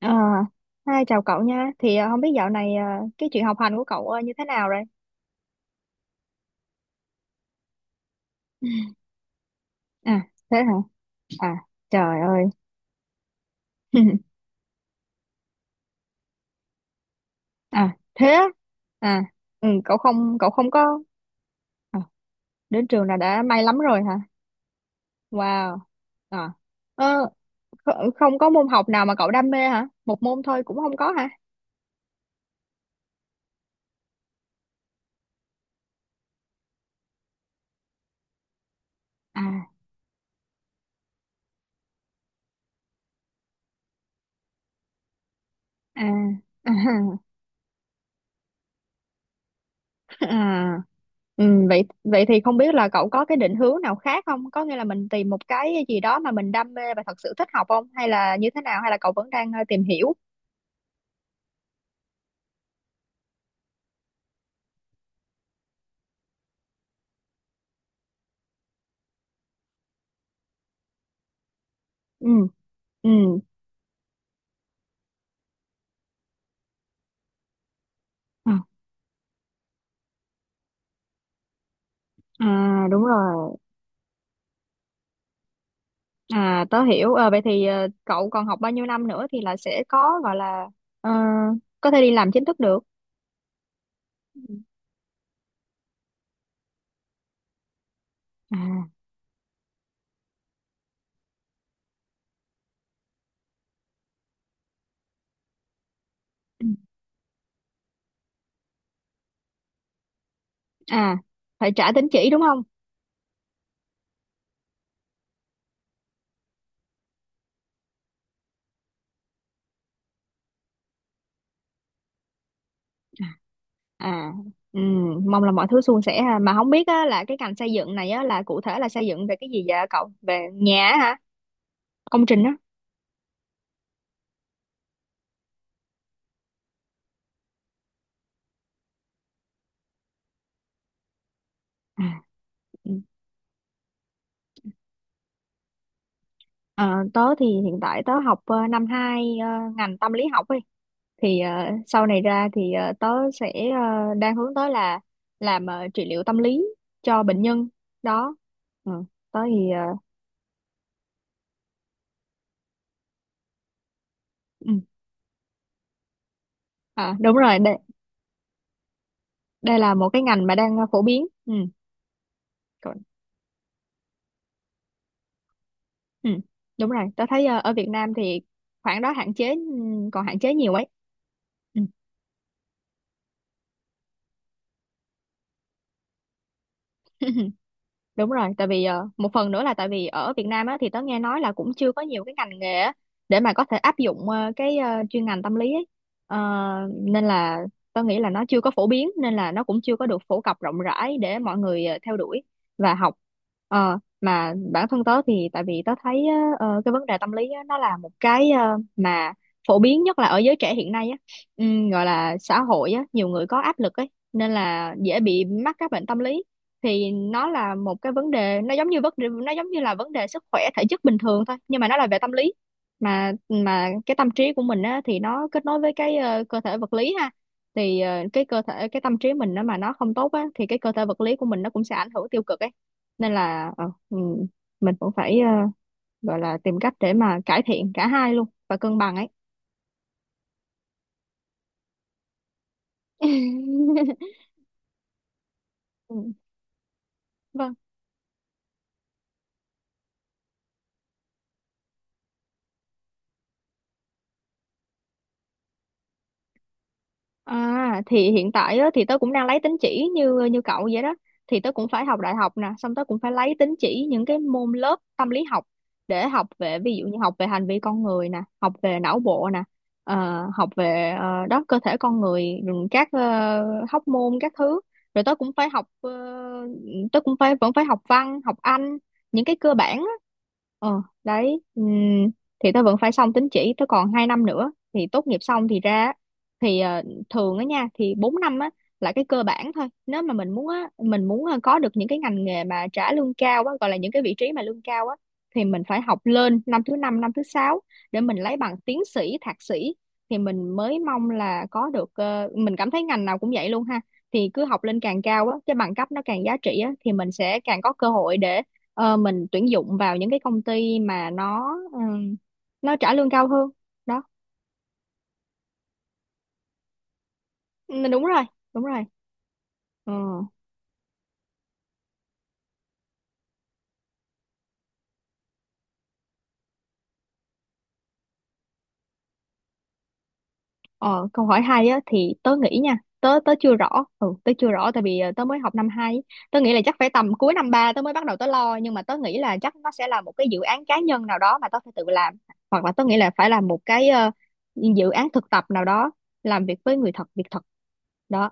À, hai chào cậu nha. Thì không biết dạo này cái chuyện học hành của cậu như thế nào rồi? À, thế hả? À, trời ơi. À, thế á? À, ừ, cậu không có à, đến trường là đã may lắm rồi hả? Wow. À, ờ, kh- không có môn học nào mà cậu đam mê hả? Một môn thôi cũng không có hả? À, à, à. À, ừ, vậy vậy thì không biết là cậu có cái định hướng nào khác không? Có nghĩa là mình tìm một cái gì đó mà mình đam mê và thật sự thích học không? Hay là như thế nào? Hay là cậu vẫn đang tìm hiểu? Ừ, ừ. À, à, đúng rồi. À, tớ hiểu. Ờ, vậy thì cậu còn học bao nhiêu năm nữa thì là sẽ có gọi là ờ, có thể đi làm chính thức được. Ừ. À, ừ. À, phải trả tín chỉ đúng không? À, ừ, mong là mọi thứ suôn sẻ ha. Mà không biết á, là cái ngành xây dựng này á, là cụ thể là xây dựng về cái gì vậy cậu? Về nhà á hả? Công trình á? À, ừ. Ờ, tớ thì hiện tại tớ học năm 2 ngành tâm lý học ấy. Thì sau này ra thì tớ sẽ đang hướng tới là làm trị liệu tâm lý cho bệnh nhân đó. Ừ, tớ thì ờ, ừ. À, đúng rồi, đây, đây là một cái ngành mà đang phổ biến. Ừ. Ừ, đúng rồi, tôi thấy ở Việt Nam thì khoảng đó hạn chế, ừ, còn hạn chế nhiều ấy. Ừ. Đúng rồi, tại vì một phần nữa là tại vì ở Việt Nam á, thì tớ nghe nói là cũng chưa có nhiều cái ngành nghề á, để mà có thể áp dụng cái chuyên ngành tâm lý ấy. Ờ, nên là tớ nghĩ là nó chưa có phổ biến nên là nó cũng chưa có được phổ cập rộng rãi để mọi người theo đuổi và học. Ờ, mà bản thân tớ thì tại vì tớ thấy cái vấn đề tâm lý á, nó là một cái mà phổ biến nhất là ở giới trẻ hiện nay á, gọi là xã hội á, nhiều người có áp lực ấy nên là dễ bị mắc các bệnh tâm lý thì nó là một cái vấn đề nó giống như là vấn đề sức khỏe thể chất bình thường thôi nhưng mà nó là về tâm lý mà cái tâm trí của mình á, thì nó kết nối với cái cơ thể vật lý ha thì ờ, cái cơ thể cái tâm trí mình nó mà nó không tốt á, thì cái cơ thể vật lý của mình nó cũng sẽ ảnh hưởng tiêu cực ấy nên là ờ, ừ, mình cũng phải gọi là tìm cách để mà cải thiện cả hai luôn và cân bằng ấy. Ừ, vâng. À, thì hiện tại á, thì tớ cũng đang lấy tín chỉ như như cậu vậy đó thì tớ cũng phải học đại học nè xong tớ cũng phải lấy tín chỉ những cái môn lớp tâm lý học để học về ví dụ như học về hành vi con người nè học về não bộ nè học về đó cơ thể con người rồi các hóc môn các thứ rồi tớ cũng phải học tớ cũng phải vẫn phải học văn học Anh những cái cơ bản á ờ đấy thì tớ vẫn phải xong tín chỉ tớ còn hai năm nữa thì tốt nghiệp xong thì ra thì thường á nha thì 4 năm á là cái cơ bản thôi nếu mà mình muốn á mình muốn có được những cái ngành nghề mà trả lương cao á gọi là những cái vị trí mà lương cao á thì mình phải học lên năm thứ năm năm thứ sáu để mình lấy bằng tiến sĩ thạc sĩ thì mình mới mong là có được mình cảm thấy ngành nào cũng vậy luôn ha thì cứ học lên càng cao á cái bằng cấp nó càng giá trị á thì mình sẽ càng có cơ hội để mình tuyển dụng vào những cái công ty mà nó trả lương cao hơn đó. Ừ, đúng rồi ừ. Ờ, câu hỏi hay á thì tớ nghĩ nha, tớ tớ chưa rõ. Ừ, tớ chưa rõ tại vì tớ mới học năm 2. Tớ nghĩ là chắc phải tầm cuối năm 3 tớ mới bắt đầu tớ lo nhưng mà tớ nghĩ là chắc nó sẽ là một cái dự án cá nhân nào đó mà tớ phải tự làm hoặc là tớ nghĩ là phải là một cái dự án thực tập nào đó làm việc với người thật, việc thật đó.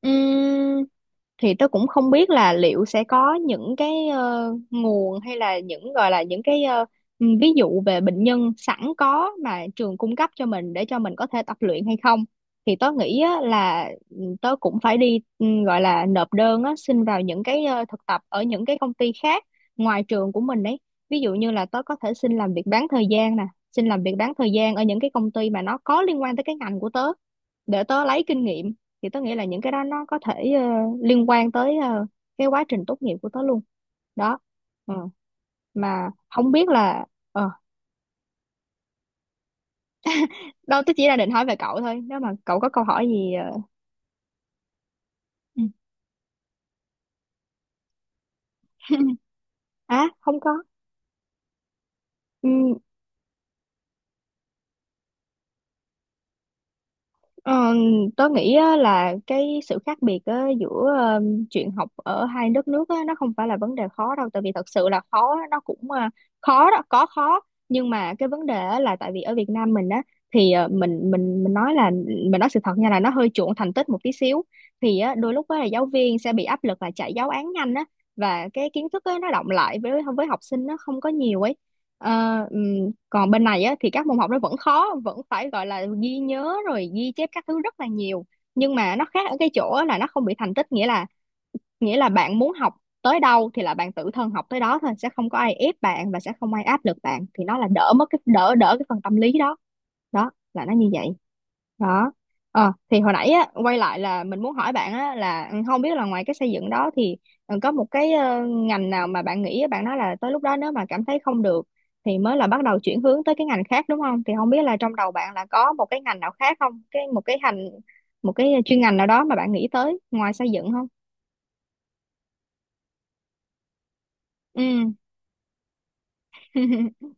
Ừ. Thì tôi cũng không biết là liệu sẽ có những cái nguồn hay là những gọi là những cái ừ, ví dụ về bệnh nhân sẵn có mà trường cung cấp cho mình để cho mình có thể tập luyện hay không thì tôi nghĩ á, là tôi cũng phải đi gọi là nộp đơn á, xin vào những cái thực tập ở những cái công ty khác ngoài trường của mình đấy ví dụ như là tôi có thể xin làm việc bán thời gian nè xin làm việc bán thời gian ở những cái công ty mà nó có liên quan tới cái ngành của tớ để tớ lấy kinh nghiệm thì tớ nghĩ là những cái đó nó có thể liên quan tới cái quá trình tốt nghiệp của tớ luôn đó ừ. Mà không biết là ờ đâu tớ chỉ là định hỏi về cậu thôi nếu mà cậu có câu hỏi gì ờ, à không có. Ừ, Ờ, tớ nghĩ á, là cái sự khác biệt á, giữa chuyện học ở hai đất nước á, nó không phải là vấn đề khó đâu tại vì thật sự là khó á, nó cũng khó đó có khó nhưng mà cái vấn đề á, là tại vì ở Việt Nam mình á thì mình nói là mình nói sự thật nha là nó hơi chuộng thành tích một tí xíu thì á, đôi lúc á, là giáo viên sẽ bị áp lực là chạy giáo án nhanh á và cái kiến thức á, nó đọng lại với học sinh nó không có nhiều ấy. Ờ, còn bên này á, thì các môn học nó vẫn khó vẫn phải gọi là ghi nhớ rồi ghi chép các thứ rất là nhiều nhưng mà nó khác ở cái chỗ á là nó không bị thành tích nghĩa là bạn muốn học tới đâu thì là bạn tự thân học tới đó thôi sẽ không có ai ép bạn và sẽ không ai áp lực bạn thì nó là đỡ mất cái đỡ đỡ cái phần tâm lý đó đó là nó như vậy đó. Ờ thì hồi nãy á quay lại là mình muốn hỏi bạn á là ừ, không biết là ngoài cái xây dựng đó thì ừ, có một cái ngành nào mà bạn nghĩ bạn nói là tới lúc đó nếu mà cảm thấy không được thì mới là bắt đầu chuyển hướng tới cái ngành khác đúng không thì không biết là trong đầu bạn là có một cái ngành nào khác không cái một cái hành một cái chuyên ngành nào đó mà bạn nghĩ tới ngoài xây dựng không. Ừ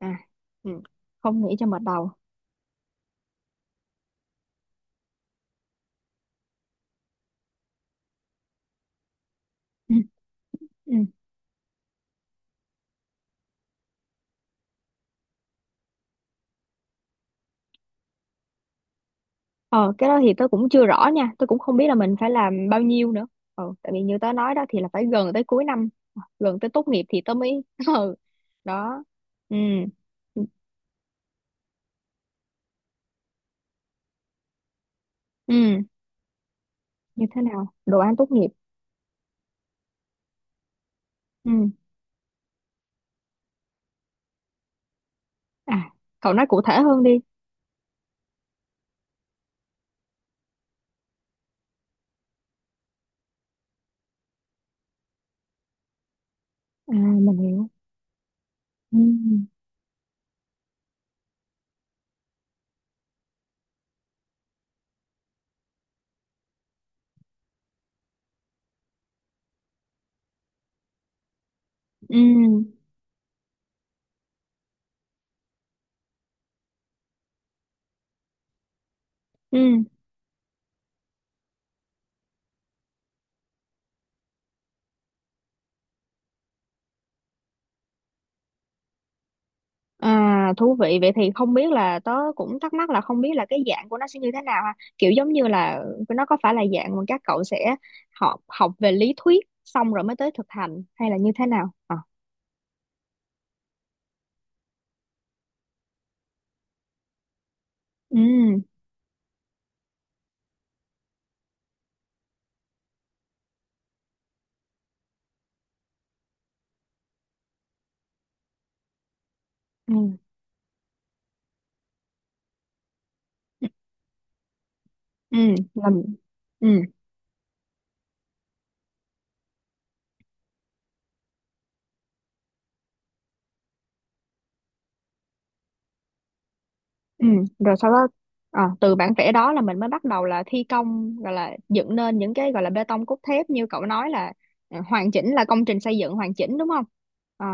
à ừ. Không nghĩ cho mệt đầu. ừ. Ừ. Ờ cái đó thì tớ cũng chưa rõ nha tớ cũng không biết là mình phải làm bao nhiêu nữa ờ tại vì như tớ nói đó thì là phải gần tới cuối năm gần tới tốt nghiệp thì tớ mới ừ đó ừ ừ như thế nào đồ án tốt nghiệp ừ à cậu nói cụ thể hơn đi à mình hiểu ừ ừ ừ. À, thú vị vậy thì không biết là tớ cũng thắc mắc là không biết là cái dạng của nó sẽ như thế nào ha kiểu giống như là nó có phải là dạng mà các cậu sẽ học học về lý thuyết xong rồi mới tới thực hành hay là như thế nào à. Ừ ừ ừ làm ừ ừ rồi sau đó à, từ bản vẽ đó là mình mới bắt đầu là thi công gọi là dựng nên những cái gọi là bê tông cốt thép như cậu nói là à, hoàn chỉnh là công trình xây dựng hoàn chỉnh đúng không. Ờ.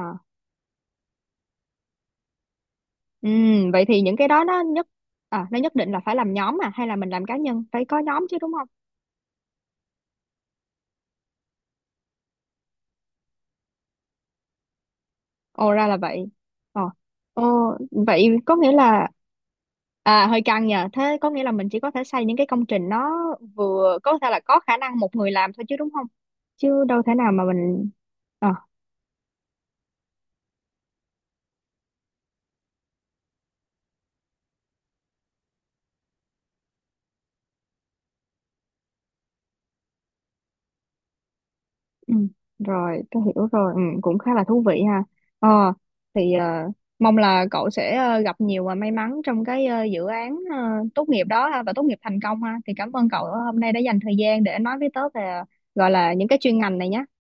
Ừ, vậy thì những cái đó nó nhất à, nó nhất định là phải làm nhóm à hay là mình làm cá nhân phải có nhóm chứ đúng không? Ồ ra là vậy. Ồ, ồ vậy có nghĩa là à hơi căng nhờ. Thế có nghĩa là mình chỉ có thể xây những cái công trình nó vừa có thể là có khả năng một người làm thôi chứ đúng không? Chứ đâu thể nào mà mình ờ. Ừ, rồi tôi hiểu rồi ừ, cũng khá là thú vị ha ờ thì mong là cậu sẽ gặp nhiều và may mắn trong cái dự án tốt nghiệp đó ha, và tốt nghiệp thành công ha thì cảm ơn cậu hôm nay đã dành thời gian để nói với tớ về gọi là những cái chuyên ngành này nhé.